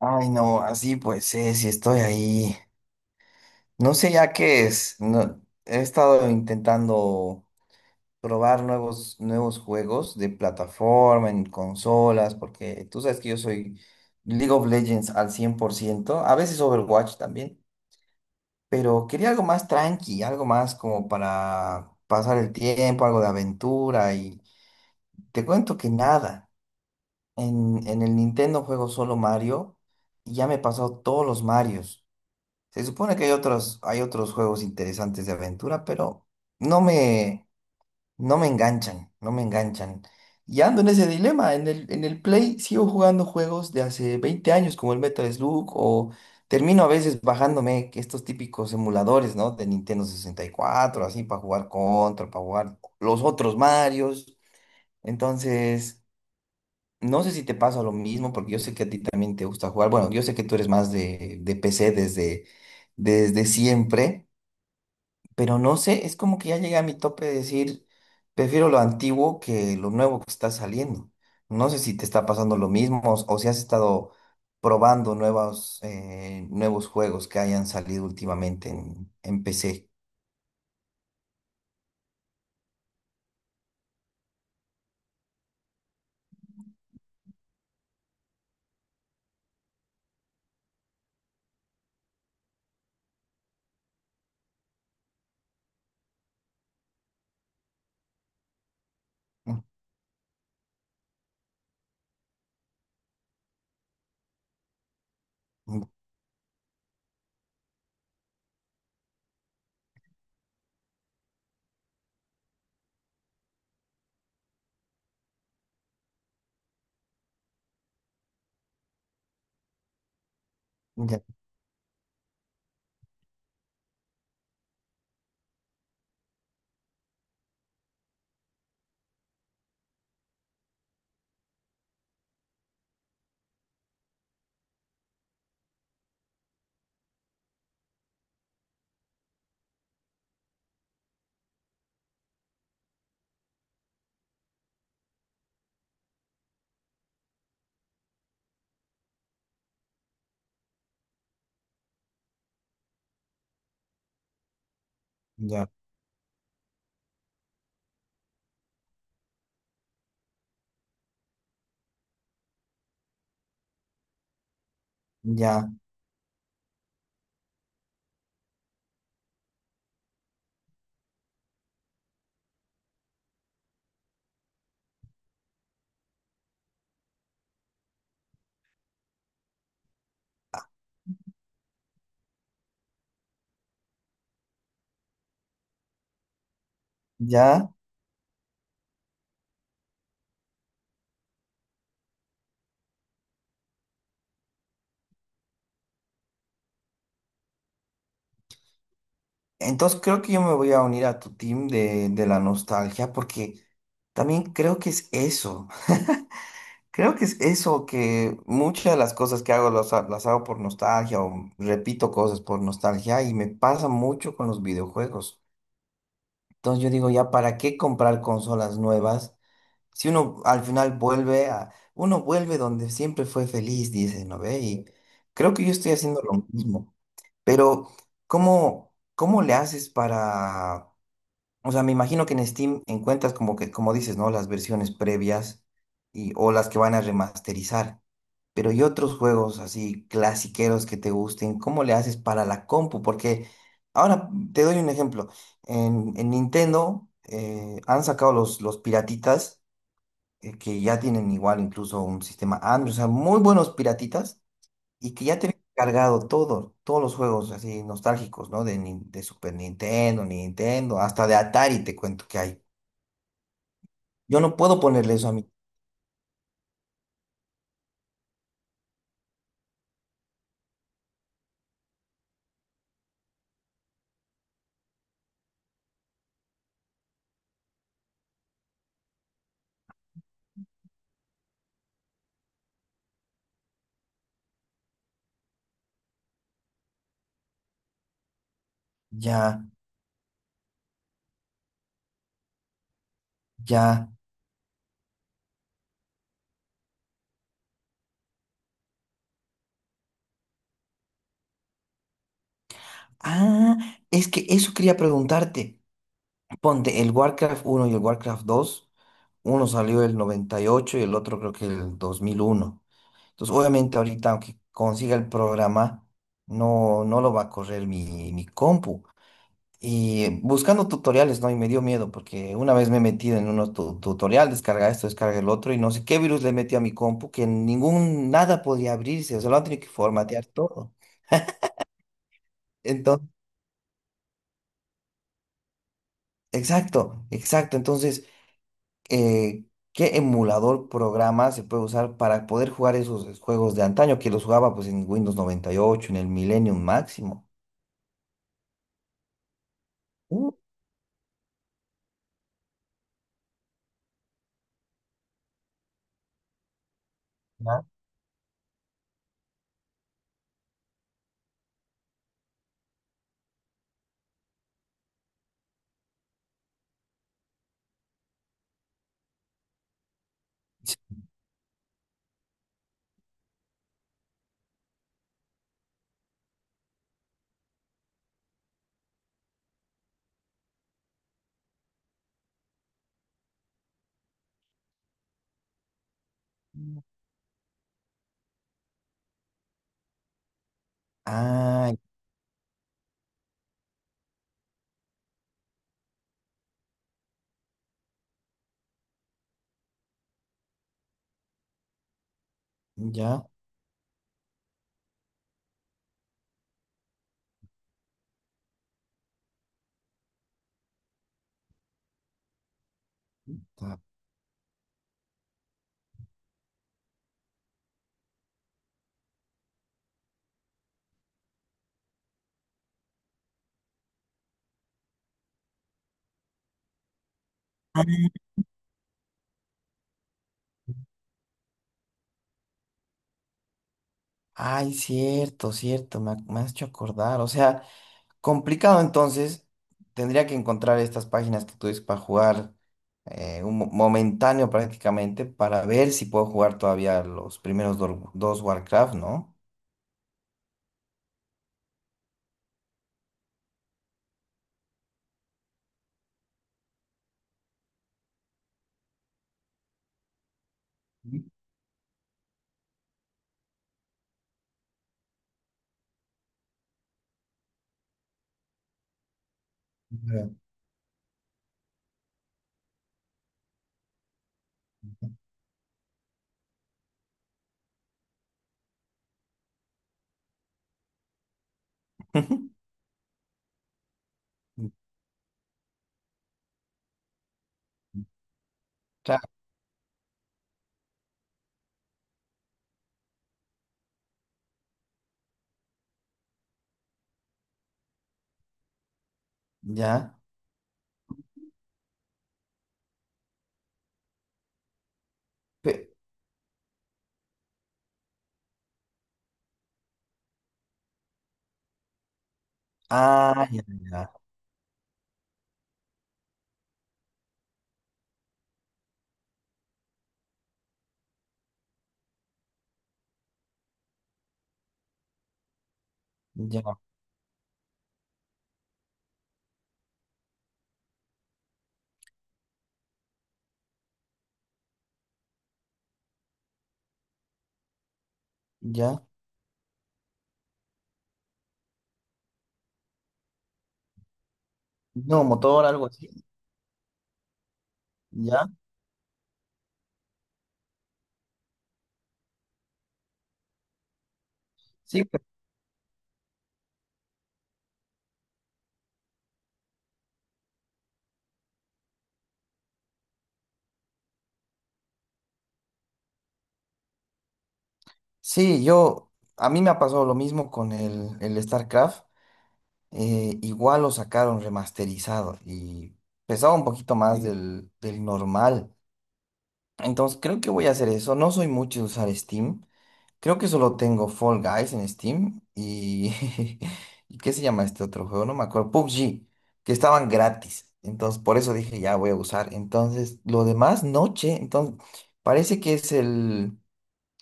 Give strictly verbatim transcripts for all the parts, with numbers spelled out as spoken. Ay, no, así pues es, y estoy ahí. No sé ya qué es. No, he estado intentando probar nuevos, nuevos juegos de plataforma, en consolas, porque tú sabes que yo soy League of Legends al cien por ciento. A veces Overwatch también, pero quería algo más tranqui, algo más como para pasar el tiempo, algo de aventura, y te cuento que nada. En, en el Nintendo juego solo Mario, y ya me he pasado todos los Marios. Se supone que hay otros, hay otros juegos interesantes de aventura, pero no me, no me enganchan, no me enganchan. Y ando en ese dilema. En el, en el Play sigo jugando juegos de hace veinte años, como el Metal Slug, o termino a veces bajándome que estos típicos emuladores, ¿no? De Nintendo sesenta y cuatro así, para jugar Contra, para jugar los otros Marios. Entonces. No sé si te pasa lo mismo, porque yo sé que a ti también te gusta jugar. Bueno, yo sé que tú eres más de, de P C desde, desde siempre, pero no sé, es como que ya llegué a mi tope de decir, prefiero lo antiguo que lo nuevo que está saliendo. No sé si te está pasando lo mismo o, o si has estado probando nuevos, eh, nuevos juegos que hayan salido últimamente en, en P C. Mm, mm. Ya, ya, ya, ya. Entonces creo que yo me voy a unir a tu team de, de la nostalgia porque también creo que es eso. Creo que es eso, que muchas de las cosas que hago las, ha- las hago por nostalgia o repito cosas por nostalgia y me pasa mucho con los videojuegos. Entonces yo digo, ya, ¿para qué comprar consolas nuevas? Si uno al final vuelve a, uno vuelve donde siempre fue feliz, dice, ¿no ve? Y creo que yo estoy haciendo lo mismo. Pero, ¿cómo, cómo le haces para... O sea, me imagino que en Steam encuentras como que, como dices, ¿no? Las versiones previas y, o las que van a remasterizar. Pero ¿y otros juegos así clasiqueros que te gusten? ¿Cómo le haces para la compu? Porque ahora te doy un ejemplo. En, en Nintendo eh, han sacado los, los piratitas, eh, que ya tienen igual incluso un sistema Android. O sea, muy buenos piratitas y que ya tenía cargado todo, todos los juegos así nostálgicos, ¿no? De, Nin- de Super Nintendo, Nintendo, hasta de Atari te cuento que hay. Yo no puedo ponerle eso a mí. Ya, ya. Ah, es que eso quería preguntarte. Ponte, el Warcraft uno y el Warcraft dos, uno salió el noventa y ocho y ocho y el otro creo que el dos mil uno. Entonces, obviamente ahorita, aunque consiga el programa, no, no lo va a correr mi, mi compu. Y buscando tutoriales, ¿no? Y me dio miedo porque una vez me he metido en unos tu- tutorial, descarga esto, descarga el otro, y no sé qué virus le metí a mi compu que ningún, nada podía abrirse, o sea, lo han tenido que formatear todo. Entonces, exacto, exacto. Entonces, eh, ¿qué emulador programa se puede usar para poder jugar esos juegos de antaño que los jugaba pues en Windows noventa y ocho en el Millennium máximo? Uh, ya. Ah, ya. Ay, cierto, cierto, me, ha- me has hecho acordar. O sea, complicado entonces, tendría que encontrar estas páginas que tú dices para jugar, eh, un mo- momentáneo prácticamente para ver si puedo jugar todavía los primeros do- dos Warcraft, ¿no? Ujú. Claro, ya. Pe- ah, ya, ya, ya, ya. No, motor, algo así, ya. Sí, pe- sí, yo, a mí me ha pasado lo mismo con el, el StarCraft. Eh, igual lo sacaron remasterizado y pesaba un poquito más. Sí. del, del normal. Entonces creo que voy a hacer eso. No soy mucho de usar Steam. Creo que solo tengo Fall Guys en Steam y... ¿Y qué se llama este otro juego? No me acuerdo. pubg, que estaban gratis. Entonces por eso dije, ya voy a usar. Entonces lo demás, noche. Entonces parece que es el...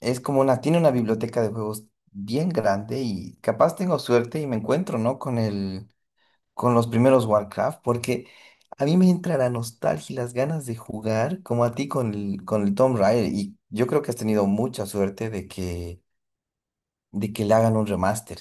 Es como una... Tiene una biblioteca de juegos bien grande y capaz tengo suerte y me encuentro, ¿no? Con el con los primeros Warcraft, porque a mí me entra la nostalgia y las ganas de jugar, como a ti con el, con el Tomb Raider, y yo creo que has tenido mucha suerte de que, de que le hagan un remaster,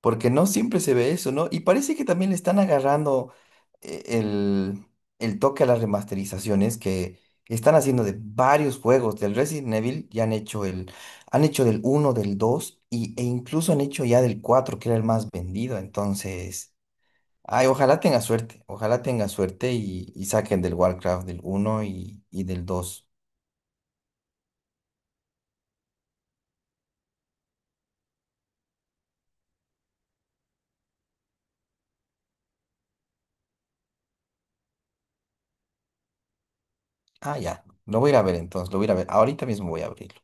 porque no siempre se ve eso, ¿no? Y parece que también le están agarrando, eh, el, el toque a las remasterizaciones que están haciendo de varios juegos. Del Resident Evil ya han hecho el, han hecho del uno, del dos, y, e incluso han hecho ya del cuatro, que era el más vendido, entonces... Ay, ojalá tenga suerte, ojalá tenga suerte, y, y saquen del Warcraft del uno y, y del dos. Ah, ya, lo voy a ir a ver entonces, lo voy a ir a ver. Ahorita mismo voy a abrirlo.